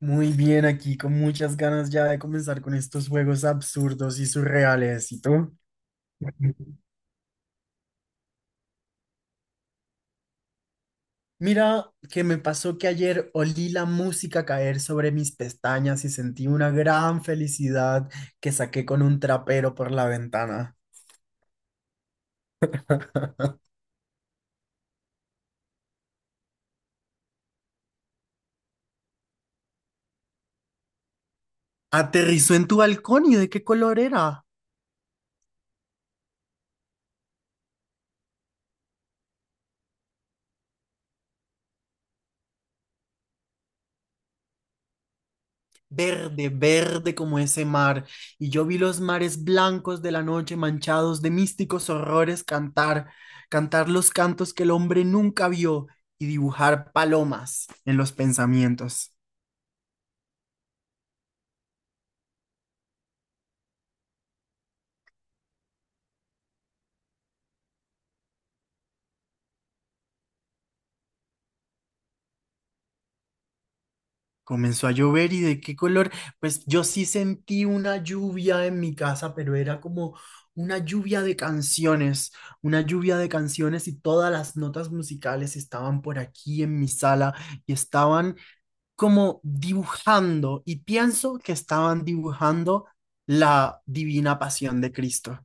Muy bien, aquí con muchas ganas ya de comenzar con estos juegos absurdos y surreales. ¿Y tú? Mira, que me pasó que ayer olí la música caer sobre mis pestañas y sentí una gran felicidad que saqué con un trapero por la ventana. Aterrizó en tu balcón y ¿de qué color era? Verde, verde como ese mar, y yo vi los mares blancos de la noche manchados de místicos horrores cantar, cantar los cantos que el hombre nunca vio y dibujar palomas en los pensamientos. Comenzó a llover y ¿de qué color? Pues yo sí sentí una lluvia en mi casa, pero era como una lluvia de canciones, una lluvia de canciones y todas las notas musicales estaban por aquí en mi sala y estaban como dibujando y pienso que estaban dibujando la divina pasión de Cristo.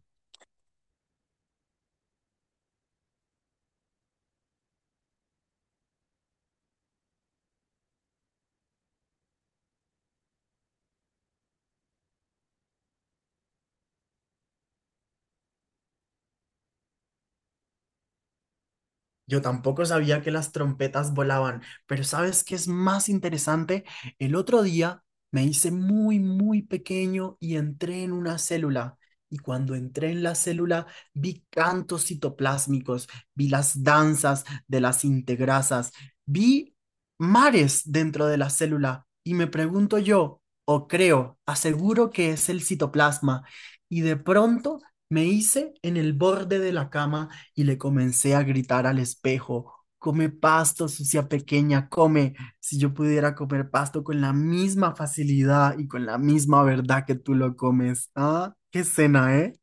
Yo tampoco sabía que las trompetas volaban, pero ¿sabes qué es más interesante? El otro día me hice muy, muy pequeño y entré en una célula. Y cuando entré en la célula, vi cantos citoplásmicos, vi las danzas de las integrasas, vi mares dentro de la célula. Y me pregunto yo, o creo, aseguro que es el citoplasma. Y de pronto me hice en el borde de la cama y le comencé a gritar al espejo, come pasto, sucia pequeña, come. Si yo pudiera comer pasto con la misma facilidad y con la misma verdad que tú lo comes. Ah, qué cena, ¿eh?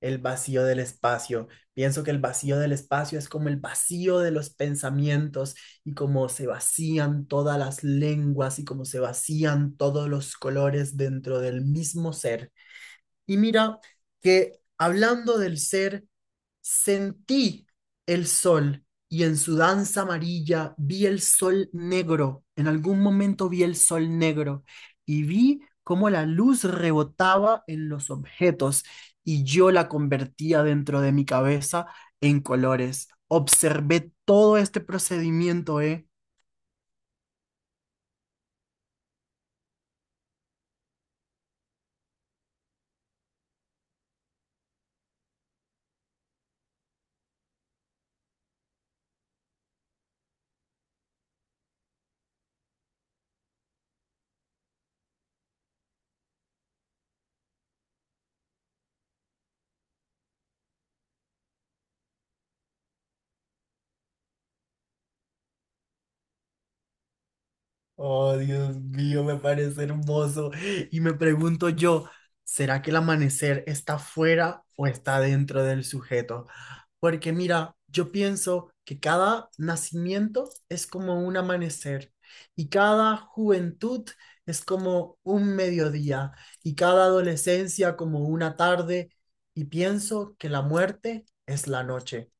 El vacío del espacio. Pienso que el vacío del espacio es como el vacío de los pensamientos y como se vacían todas las lenguas y como se vacían todos los colores dentro del mismo ser. Y mira que hablando del ser, sentí el sol y en su danza amarilla vi el sol negro. En algún momento vi el sol negro y vi cómo la luz rebotaba en los objetos y yo la convertía dentro de mi cabeza en colores. Observé todo este procedimiento, ¿eh? Oh, Dios mío, me parece hermoso. Y me pregunto yo, ¿será que el amanecer está fuera o está dentro del sujeto? Porque mira, yo pienso que cada nacimiento es como un amanecer y cada juventud es como un mediodía y cada adolescencia como una tarde y pienso que la muerte es la noche.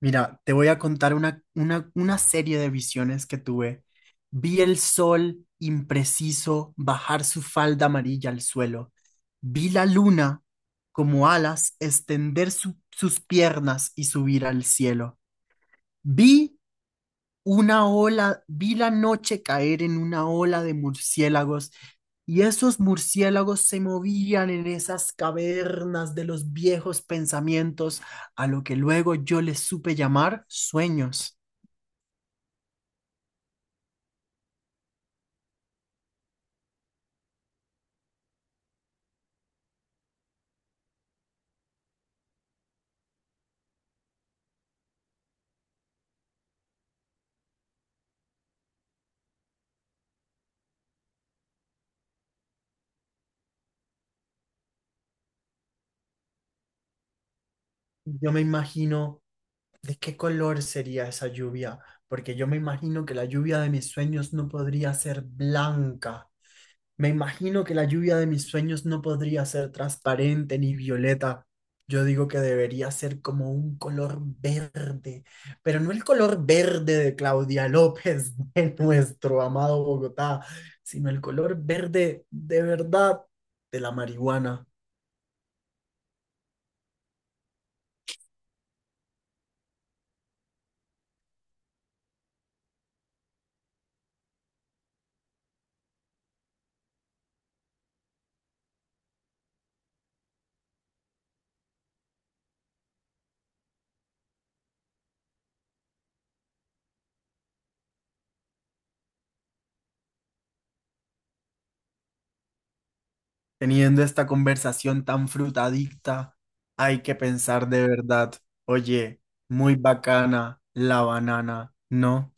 Mira, te voy a contar una serie de visiones que tuve. Vi el sol impreciso bajar su falda amarilla al suelo. Vi la luna como alas extender sus piernas y subir al cielo. Vi una ola, vi la noche caer en una ola de murciélagos y esos murciélagos se movían en esas cavernas de los viejos pensamientos a lo que luego yo les supe llamar sueños. Yo me imagino de qué color sería esa lluvia, porque yo me imagino que la lluvia de mis sueños no podría ser blanca. Me imagino que la lluvia de mis sueños no podría ser transparente ni violeta. Yo digo que debería ser como un color verde, pero no el color verde de Claudia López, de nuestro amado Bogotá, sino el color verde de verdad de la marihuana. Teniendo esta conversación tan frutadicta, hay que pensar de verdad, oye, muy bacana la banana, ¿no?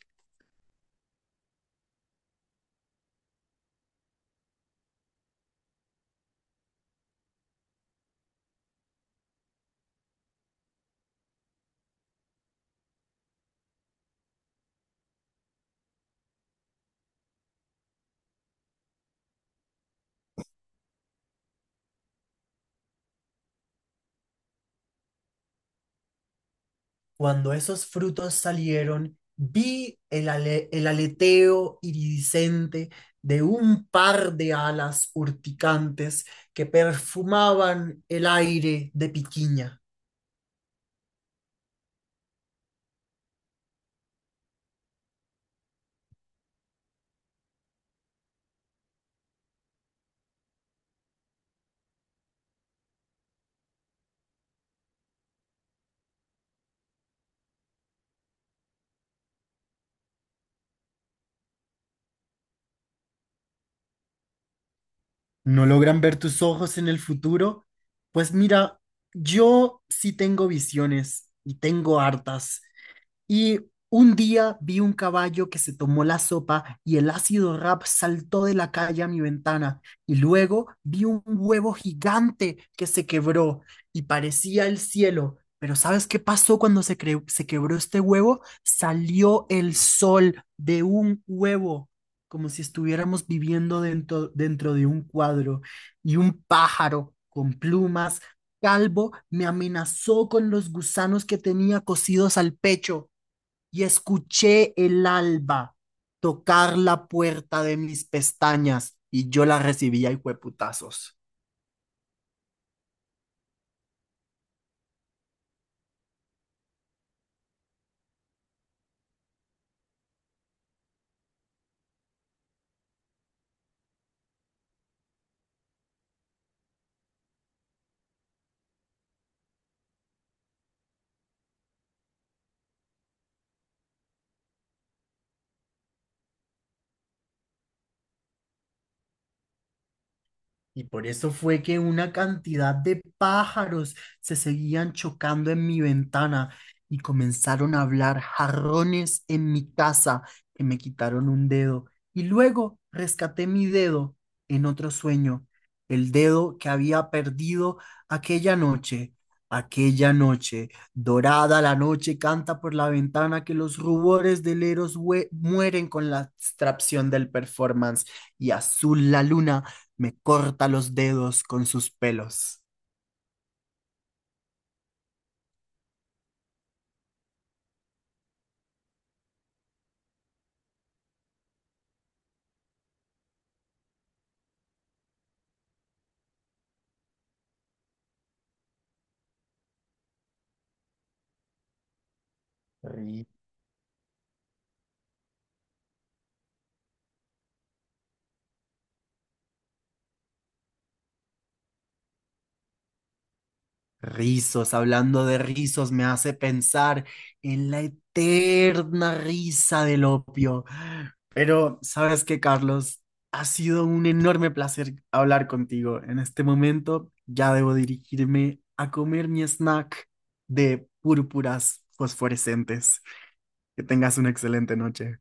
Cuando esos frutos salieron, vi el aleteo iridiscente de un par de alas urticantes que perfumaban el aire de Piquiña. ¿No logran ver tus ojos en el futuro? Pues mira, yo sí tengo visiones y tengo hartas. Y un día vi un caballo que se tomó la sopa y el ácido rap saltó de la calle a mi ventana. Y luego vi un huevo gigante que se quebró y parecía el cielo. Pero ¿sabes qué pasó cuando se quebró este huevo? Salió el sol de un huevo, como si estuviéramos viviendo dentro de un cuadro. Y un pájaro con plumas, calvo, me amenazó con los gusanos que tenía cosidos al pecho y escuché el alba tocar la puerta de mis pestañas y yo la recibía y fue putazos. Y por eso fue que una cantidad de pájaros se seguían chocando en mi ventana y comenzaron a hablar jarrones en mi casa que me quitaron un dedo. Y luego rescaté mi dedo en otro sueño, el dedo que había perdido aquella noche. Aquella noche, dorada la noche canta por la ventana que los rubores del Eros mueren con la abstracción del performance y azul la luna me corta los dedos con sus pelos. Ri- Rizos, hablando de rizos, me hace pensar en la eterna risa del opio. Pero, ¿sabes qué, Carlos? Ha sido un enorme placer hablar contigo. En este momento ya debo dirigirme a comer mi snack de púrpuras fosforescentes. Que tengas una excelente noche.